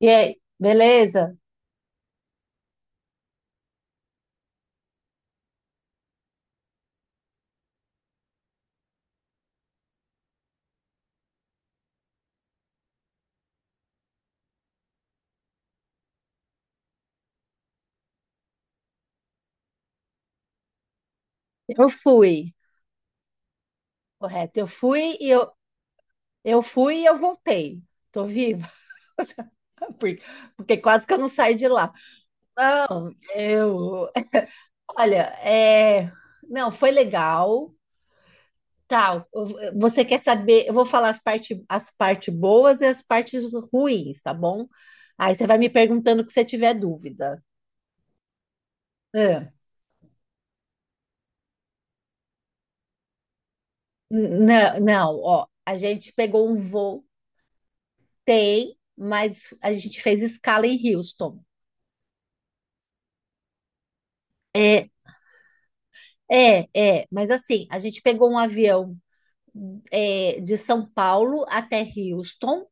E aí, beleza? Eu fui, correto. Eu fui e eu voltei. Tô viva. Porque, porque quase que eu não saí de lá. Não, eu, olha, não, foi legal. Tal. Você quer saber? Eu vou falar as parte boas e as partes ruins, tá bom? Aí você vai me perguntando que você tiver dúvida. É. Não, não, ó, a gente pegou um voo, tem, mas a gente fez escala em Houston. É, é, é, mas assim, a gente pegou um avião de São Paulo até Houston,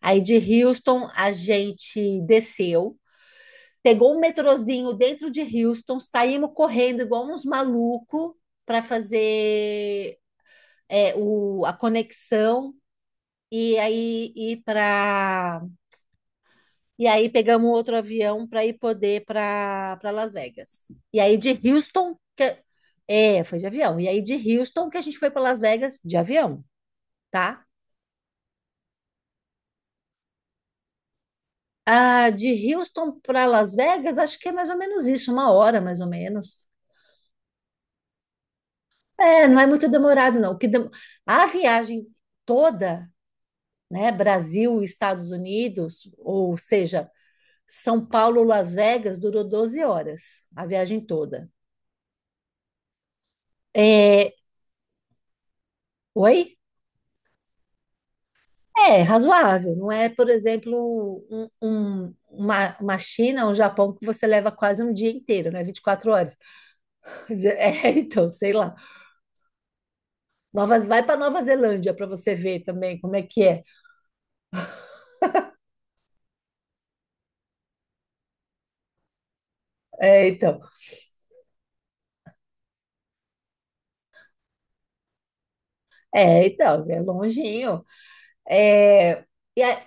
aí de Houston a gente desceu, pegou um metrozinho dentro de Houston, saímos correndo igual uns malucos para fazer a conexão e aí ir para E aí pegamos outro avião para ir poder para Las Vegas. E aí de Houston, foi de avião. E aí de Houston que a gente foi para Las Vegas de avião, tá? Ah, de Houston para Las Vegas, acho que é mais ou menos isso, 1 hora mais ou menos. É, não é muito demorado, não. A viagem toda, né, Brasil, e Estados Unidos, ou seja, São Paulo, Las Vegas, durou 12 horas, a viagem toda. É, Oi? É razoável, não é, por exemplo, uma China, um Japão que você leva quase um dia inteiro, né? 24 horas. Então, sei lá. Vai para Nova Zelândia para você ver também como é que é. É, então, é, então, é longinho. É, e é-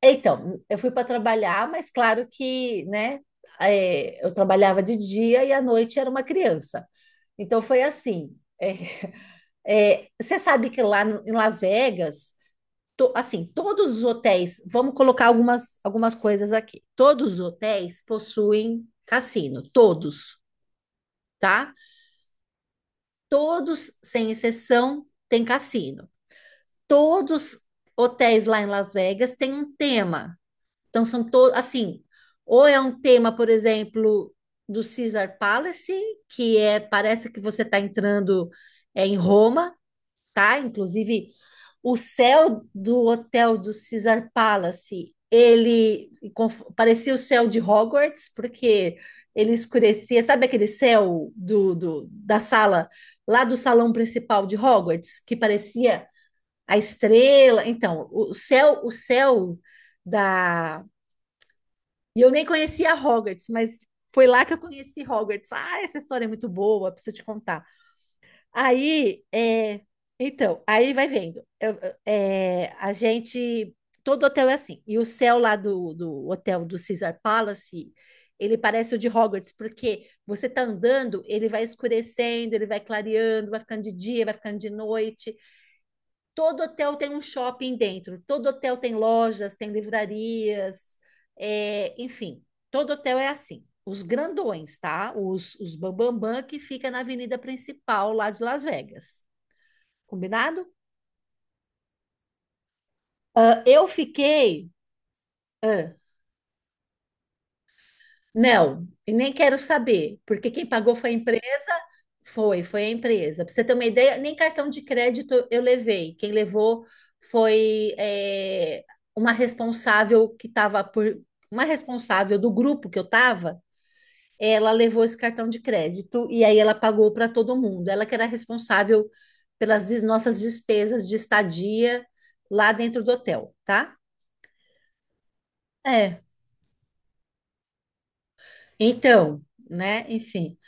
é, então, eu fui para trabalhar, mas claro que, né, eu trabalhava de dia e à noite era uma criança. Então foi assim. Você sabe que lá em Las Vegas. Assim, todos os hotéis, vamos colocar algumas coisas aqui. Todos os hotéis possuem cassino, todos, tá? Todos, sem exceção, têm cassino. Todos hotéis lá em Las Vegas têm um tema. Então são todos, assim, ou é um tema, por exemplo, do Caesar Palace, que é parece que você está entrando em Roma, tá? Inclusive, o céu do hotel do Caesar Palace, ele parecia o céu de Hogwarts, porque ele escurecia, sabe aquele céu da sala, lá do salão principal de Hogwarts, que parecia a estrela? Então, o céu da. E eu nem conhecia Hogwarts, mas foi lá que eu conheci Hogwarts. Ah, essa história é muito boa, preciso te contar. Aí, aí vai vendo. É, a gente, Todo hotel é assim. E o céu lá do hotel do Caesar Palace, ele parece o de Hogwarts, porque você tá andando, ele vai escurecendo, ele vai clareando, vai ficando de dia, vai ficando de noite. Todo hotel tem um shopping dentro, todo hotel tem lojas, tem livrarias, enfim, todo hotel é assim. Os grandões, tá? Os bambambam que fica na avenida principal lá de Las Vegas. Combinado? Ah, eu fiquei. ah, Não, e nem quero saber, porque quem pagou foi a empresa, foi a empresa. Para você ter uma ideia, nem cartão de crédito eu levei. Quem levou foi uma responsável que estava por, uma responsável do grupo que eu estava, ela levou esse cartão de crédito e aí ela pagou para todo mundo. Ela que era responsável pelas nossas despesas de estadia lá dentro do hotel, tá? É. Então, né, enfim.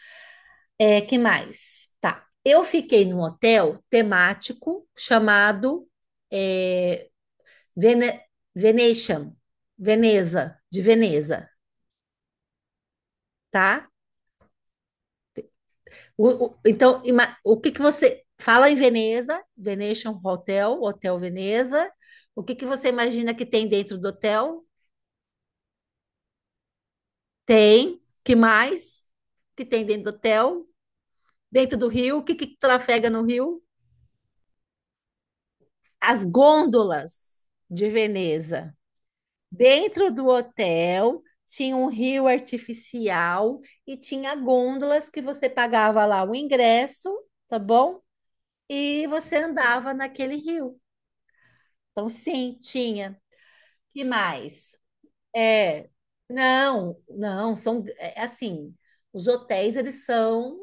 É, que mais? Tá. Eu fiquei num hotel temático chamado é, Vene- Venetian, Veneza, de Veneza, tá? Então, o que que você fala em Veneza, Venetian Hotel, Hotel Veneza? O que que você imagina que tem dentro do hotel? Tem. Que mais? Que tem dentro do hotel? Dentro do rio? O que que trafega no rio? As gôndolas de Veneza. Dentro do hotel tinha um rio artificial e tinha gôndolas que você pagava lá o ingresso, tá bom? E você andava naquele rio. Então, sim, tinha. Que mais? É, não, não, são assim, os hotéis eles são,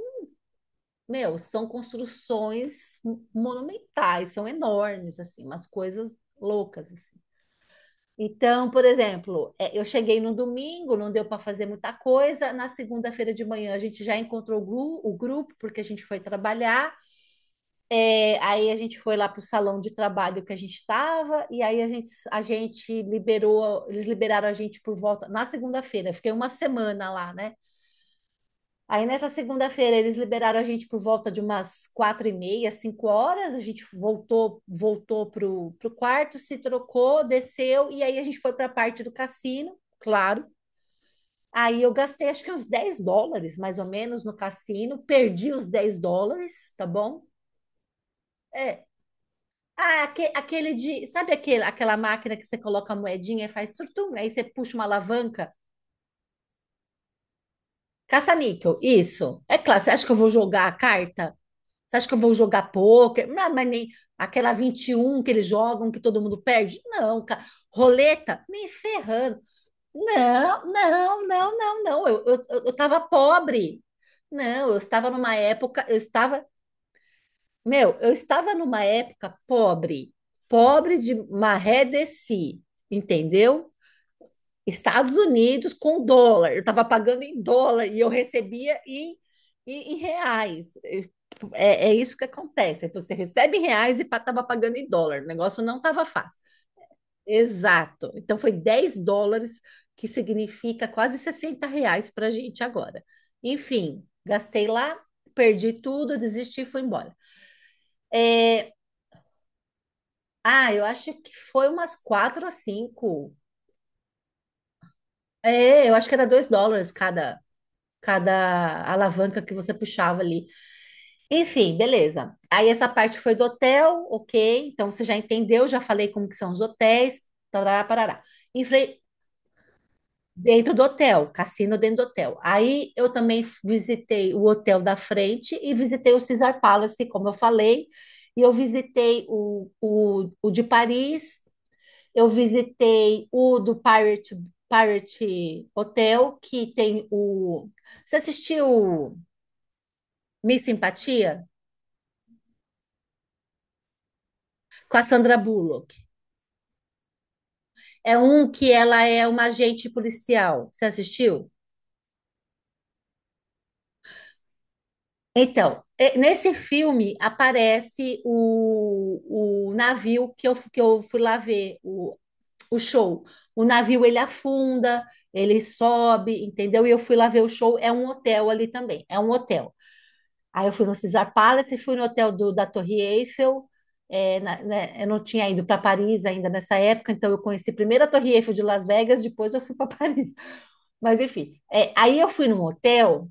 meu, são construções monumentais, são enormes assim, umas coisas loucas. Então, por exemplo, eu cheguei no domingo, não deu para fazer muita coisa. Na segunda-feira de manhã a gente já encontrou o grupo, porque a gente foi trabalhar. É, aí a gente foi lá para o salão de trabalho que a gente estava, e aí a gente liberou, eles liberaram a gente por volta na segunda-feira. Eu fiquei uma semana lá, né? Aí nessa segunda-feira eles liberaram a gente por volta de umas 4h30, 5 horas. A gente voltou pro quarto, se trocou, desceu e aí a gente foi para a parte do cassino, claro. Aí eu gastei acho que uns US$ 10, mais ou menos, no cassino. Perdi os US$ 10, tá bom? É. Ah, aquele de. Sabe aquela máquina que você coloca a moedinha e faz surtum? Aí você puxa uma alavanca? Caça-níquel, isso. É claro, você acha que eu vou jogar a carta? Você acha que eu vou jogar pôquer? Não, mas nem aquela 21 que eles jogam, que todo mundo perde? Não, cara. Roleta? Nem ferrando. Não, não, não, não, não. Eu tava pobre. Não, eu estava numa época, eu estava, meu, eu estava numa época pobre. Pobre de maré de si, entendeu? Estados Unidos com dólar. Eu estava pagando em dólar e eu recebia em, em reais. É, é isso que acontece. Você recebe em reais e estava pagando em dólar. O negócio não estava fácil. Exato. Então foi US$ 10, que significa quase R$ 60 para a gente agora. Enfim, gastei lá, perdi tudo, desisti e fui embora. É, ah, eu acho que foi umas 4 a 5. É, eu acho que era US$ 2 cada alavanca que você puxava ali. Enfim, beleza. Aí essa parte foi do hotel, ok. Então você já entendeu, já falei como que são os hotéis, tarará, parará. Enfrei dentro do hotel, cassino dentro do hotel. Aí eu também visitei o hotel da frente e visitei o Caesar Palace, como eu falei. E eu visitei o de Paris, eu visitei o do Pirate, Pirate Hotel, que tem o. Você assistiu Miss Simpatia, com a Sandra Bullock. É um que ela é uma agente policial. Você assistiu? Então, nesse filme aparece o navio que eu, que eu fui lá ver, o show. O navio ele afunda, ele sobe, entendeu? E eu fui lá ver o show. É um hotel ali também, é um hotel. Aí eu fui no Caesar Palace, fui no hotel da Torre Eiffel. Né, eu não tinha ido para Paris ainda nessa época, então eu conheci primeiro a Torre Eiffel de Las Vegas, depois eu fui para Paris. Mas enfim, aí eu fui num hotel,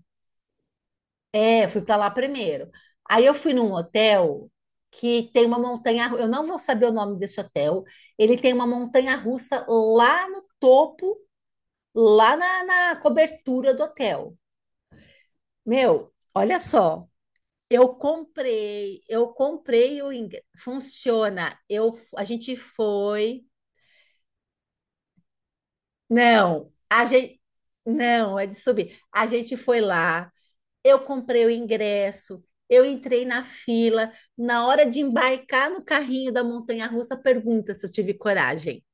fui para lá primeiro. Aí eu fui num hotel que tem uma montanha, eu não vou saber o nome desse hotel. Ele tem uma montanha russa lá no topo, lá na cobertura do hotel. Meu, olha só. Eu comprei o ingresso. Funciona. Eu, a gente foi. Não, a gente. Não, é de subir. A gente foi lá, eu comprei o ingresso, eu entrei na fila. Na hora de embarcar no carrinho da montanha-russa, pergunta se eu tive coragem.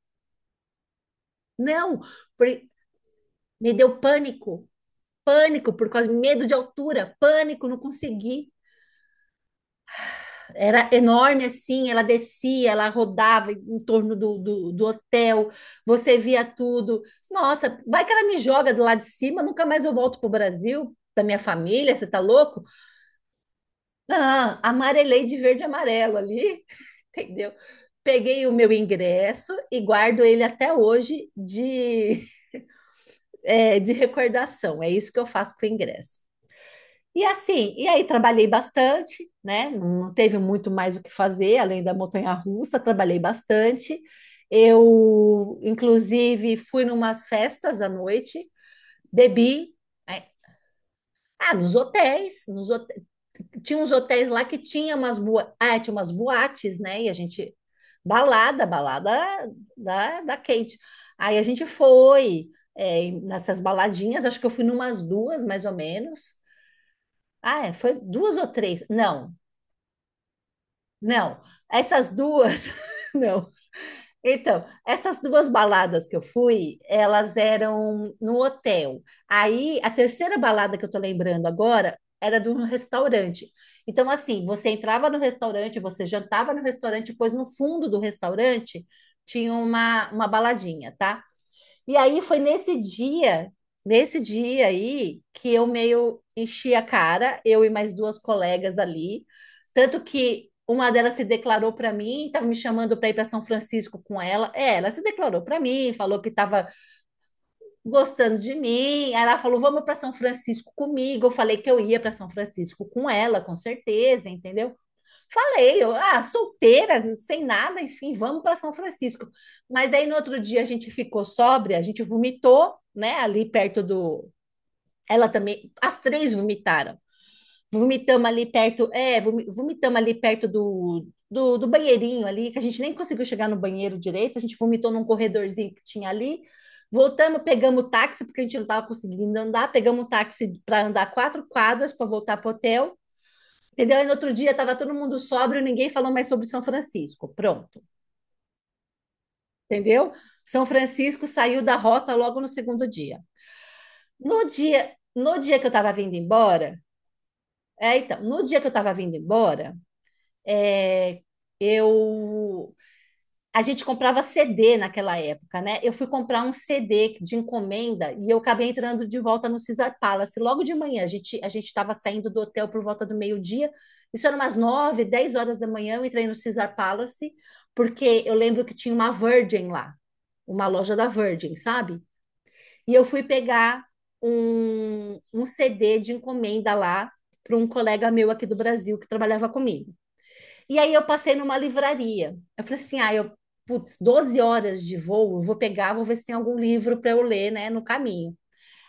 Não, por- me deu pânico, pânico por causa de medo de altura, pânico, não consegui. Era enorme assim, ela descia, ela rodava em torno do hotel, você via tudo. Nossa, vai que ela me joga do lado de cima, nunca mais eu volto pro Brasil, da minha família, você tá louco? Ah, amarelei de verde e amarelo ali, entendeu? Peguei o meu ingresso e guardo ele até hoje de, de recordação. É isso que eu faço com o ingresso. E assim, e aí trabalhei bastante, né? Não teve muito mais o que fazer além da montanha-russa, trabalhei bastante. Eu, inclusive, fui numas festas à noite, bebi. é, Ah, nos hotéis, tinha uns hotéis lá que tinha umas boates, né? E a gente, balada da quente. Aí a gente foi nessas baladinhas, acho que eu fui numas duas, mais ou menos. Ah, foi duas ou três? Não, Não, essas duas, não. Então, essas duas baladas que eu fui, elas eram no hotel. Aí, a terceira balada que eu tô lembrando agora era de um restaurante. Então, assim, você entrava no restaurante, você jantava no restaurante, depois no fundo do restaurante tinha uma baladinha, tá? E aí foi nesse dia aí, que eu meio enchi a cara, eu e mais duas colegas ali. Tanto que uma delas se declarou para mim, estava me chamando para ir para São Francisco com ela. É, ela se declarou para mim, falou que estava gostando de mim. Aí ela falou: "Vamos para São Francisco comigo". Eu falei que eu ia para São Francisco com ela, com certeza, entendeu? Falei, eu, solteira, sem nada, enfim, vamos para São Francisco. Mas aí no outro dia a gente ficou sóbria, a gente vomitou, né, ali perto do. Ela também, as três vomitaram. Vomitamos ali perto, é, vomitamos ali perto do banheirinho ali, que a gente nem conseguiu chegar no banheiro direito, a gente vomitou num corredorzinho que tinha ali. Voltamos, pegamos o táxi, porque a gente não estava conseguindo andar, pegamos um táxi para andar 4 quadras para voltar para o hotel. Entendeu? E no outro dia estava todo mundo sóbrio, ninguém falou mais sobre São Francisco. Pronto, entendeu? São Francisco saiu da rota logo no segundo dia. No dia que eu estava vindo embora, então, no dia que eu estava vindo embora, é, eu a gente comprava CD naquela época, né? Eu fui comprar um CD de encomenda e eu acabei entrando de volta no Caesar Palace. Logo de manhã, a gente estava saindo do hotel por volta do meio-dia. Isso era umas 9, 10 horas da manhã, eu entrei no Caesar Palace, porque eu lembro que tinha uma Virgin lá, uma loja da Virgin, sabe? E eu fui pegar um CD de encomenda lá para um colega meu aqui do Brasil que trabalhava comigo. E aí eu passei numa livraria. Eu falei assim, ah, eu, putz, 12 horas de voo, eu vou pegar, vou ver se tem algum livro para eu ler, né, no caminho.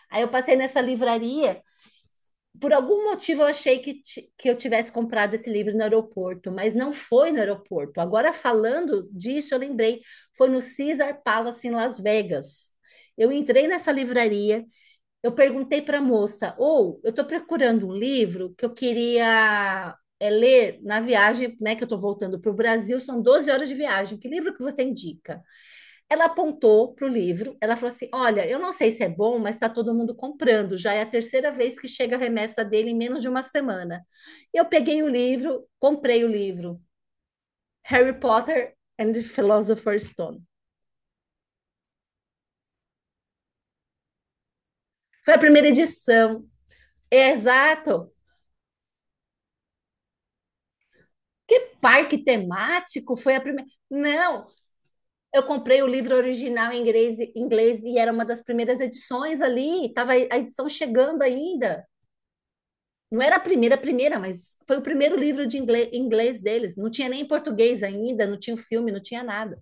Aí eu passei nessa livraria, por algum motivo eu achei que, que eu tivesse comprado esse livro no aeroporto, mas não foi no aeroporto. Agora falando disso, eu lembrei, foi no Caesar Palace em Las Vegas. Eu entrei nessa livraria, eu perguntei para a moça, ou eu estou procurando um livro que eu queria é, ler na viagem, né, que eu estou voltando para o Brasil, são 12 horas de viagem, que livro que você indica? Ela apontou para o livro, ela falou assim, olha, eu não sei se é bom, mas está todo mundo comprando, já é a terceira vez que chega a remessa dele em menos de uma semana. Eu peguei o livro, comprei o livro, Harry Potter and the Philosopher's Stone. Foi a primeira edição, é exato, que parque temático foi a primeira? Não, eu comprei o livro original em inglês, inglês e era uma das primeiras edições ali, estava a edição chegando ainda. Não era a primeira, mas foi o primeiro livro de inglês, inglês deles. Não tinha nem em português ainda, não tinha o filme, não tinha nada.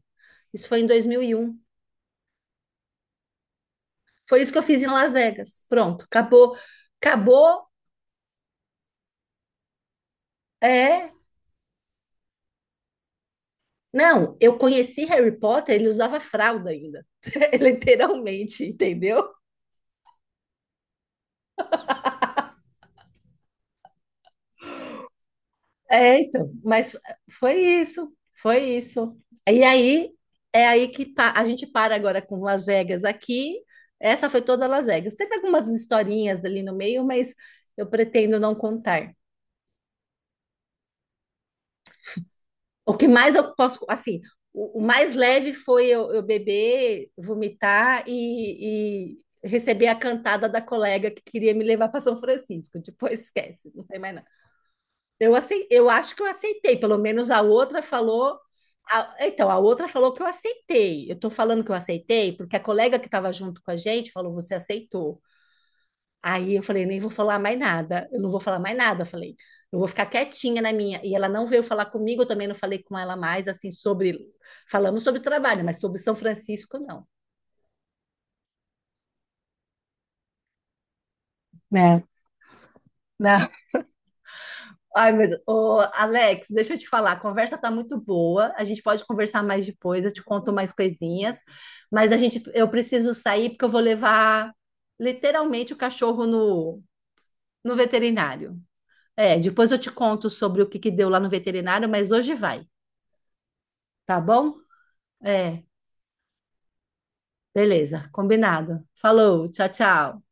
Isso foi em 2001. Foi isso que eu fiz em Las Vegas. Pronto, acabou. Acabou. É. Não, eu conheci Harry Potter, ele usava fralda ainda. Literalmente, entendeu? É, então, mas foi isso, foi isso. E aí, é aí que a gente para agora com Las Vegas aqui. Essa foi toda Las Vegas. Teve algumas historinhas ali no meio, mas eu pretendo não contar. O que mais eu posso, assim, o mais leve foi eu beber, vomitar e receber a cantada da colega que queria me levar para São Francisco. Depois esquece, não tem mais nada. Eu acho que eu aceitei, pelo menos a outra falou. Então, a outra falou que eu aceitei. Eu tô falando que eu aceitei, porque a colega que estava junto com a gente falou: você aceitou. Aí eu falei: nem vou falar mais nada. Eu não vou falar mais nada. Eu falei: eu vou ficar quietinha na minha. E ela não veio falar comigo, eu também não falei com ela mais, assim, sobre. Falamos sobre trabalho, mas sobre São Francisco, não. É, né? Ai, meu Deus. Ô, Alex, deixa eu te falar, a conversa tá muito boa. A gente pode conversar mais depois, eu te conto mais coisinhas, mas a gente eu preciso sair porque eu vou levar literalmente o cachorro no veterinário. É, depois eu te conto sobre o que que deu lá no veterinário, mas hoje vai, tá bom? É, beleza, combinado. Falou, tchau, tchau.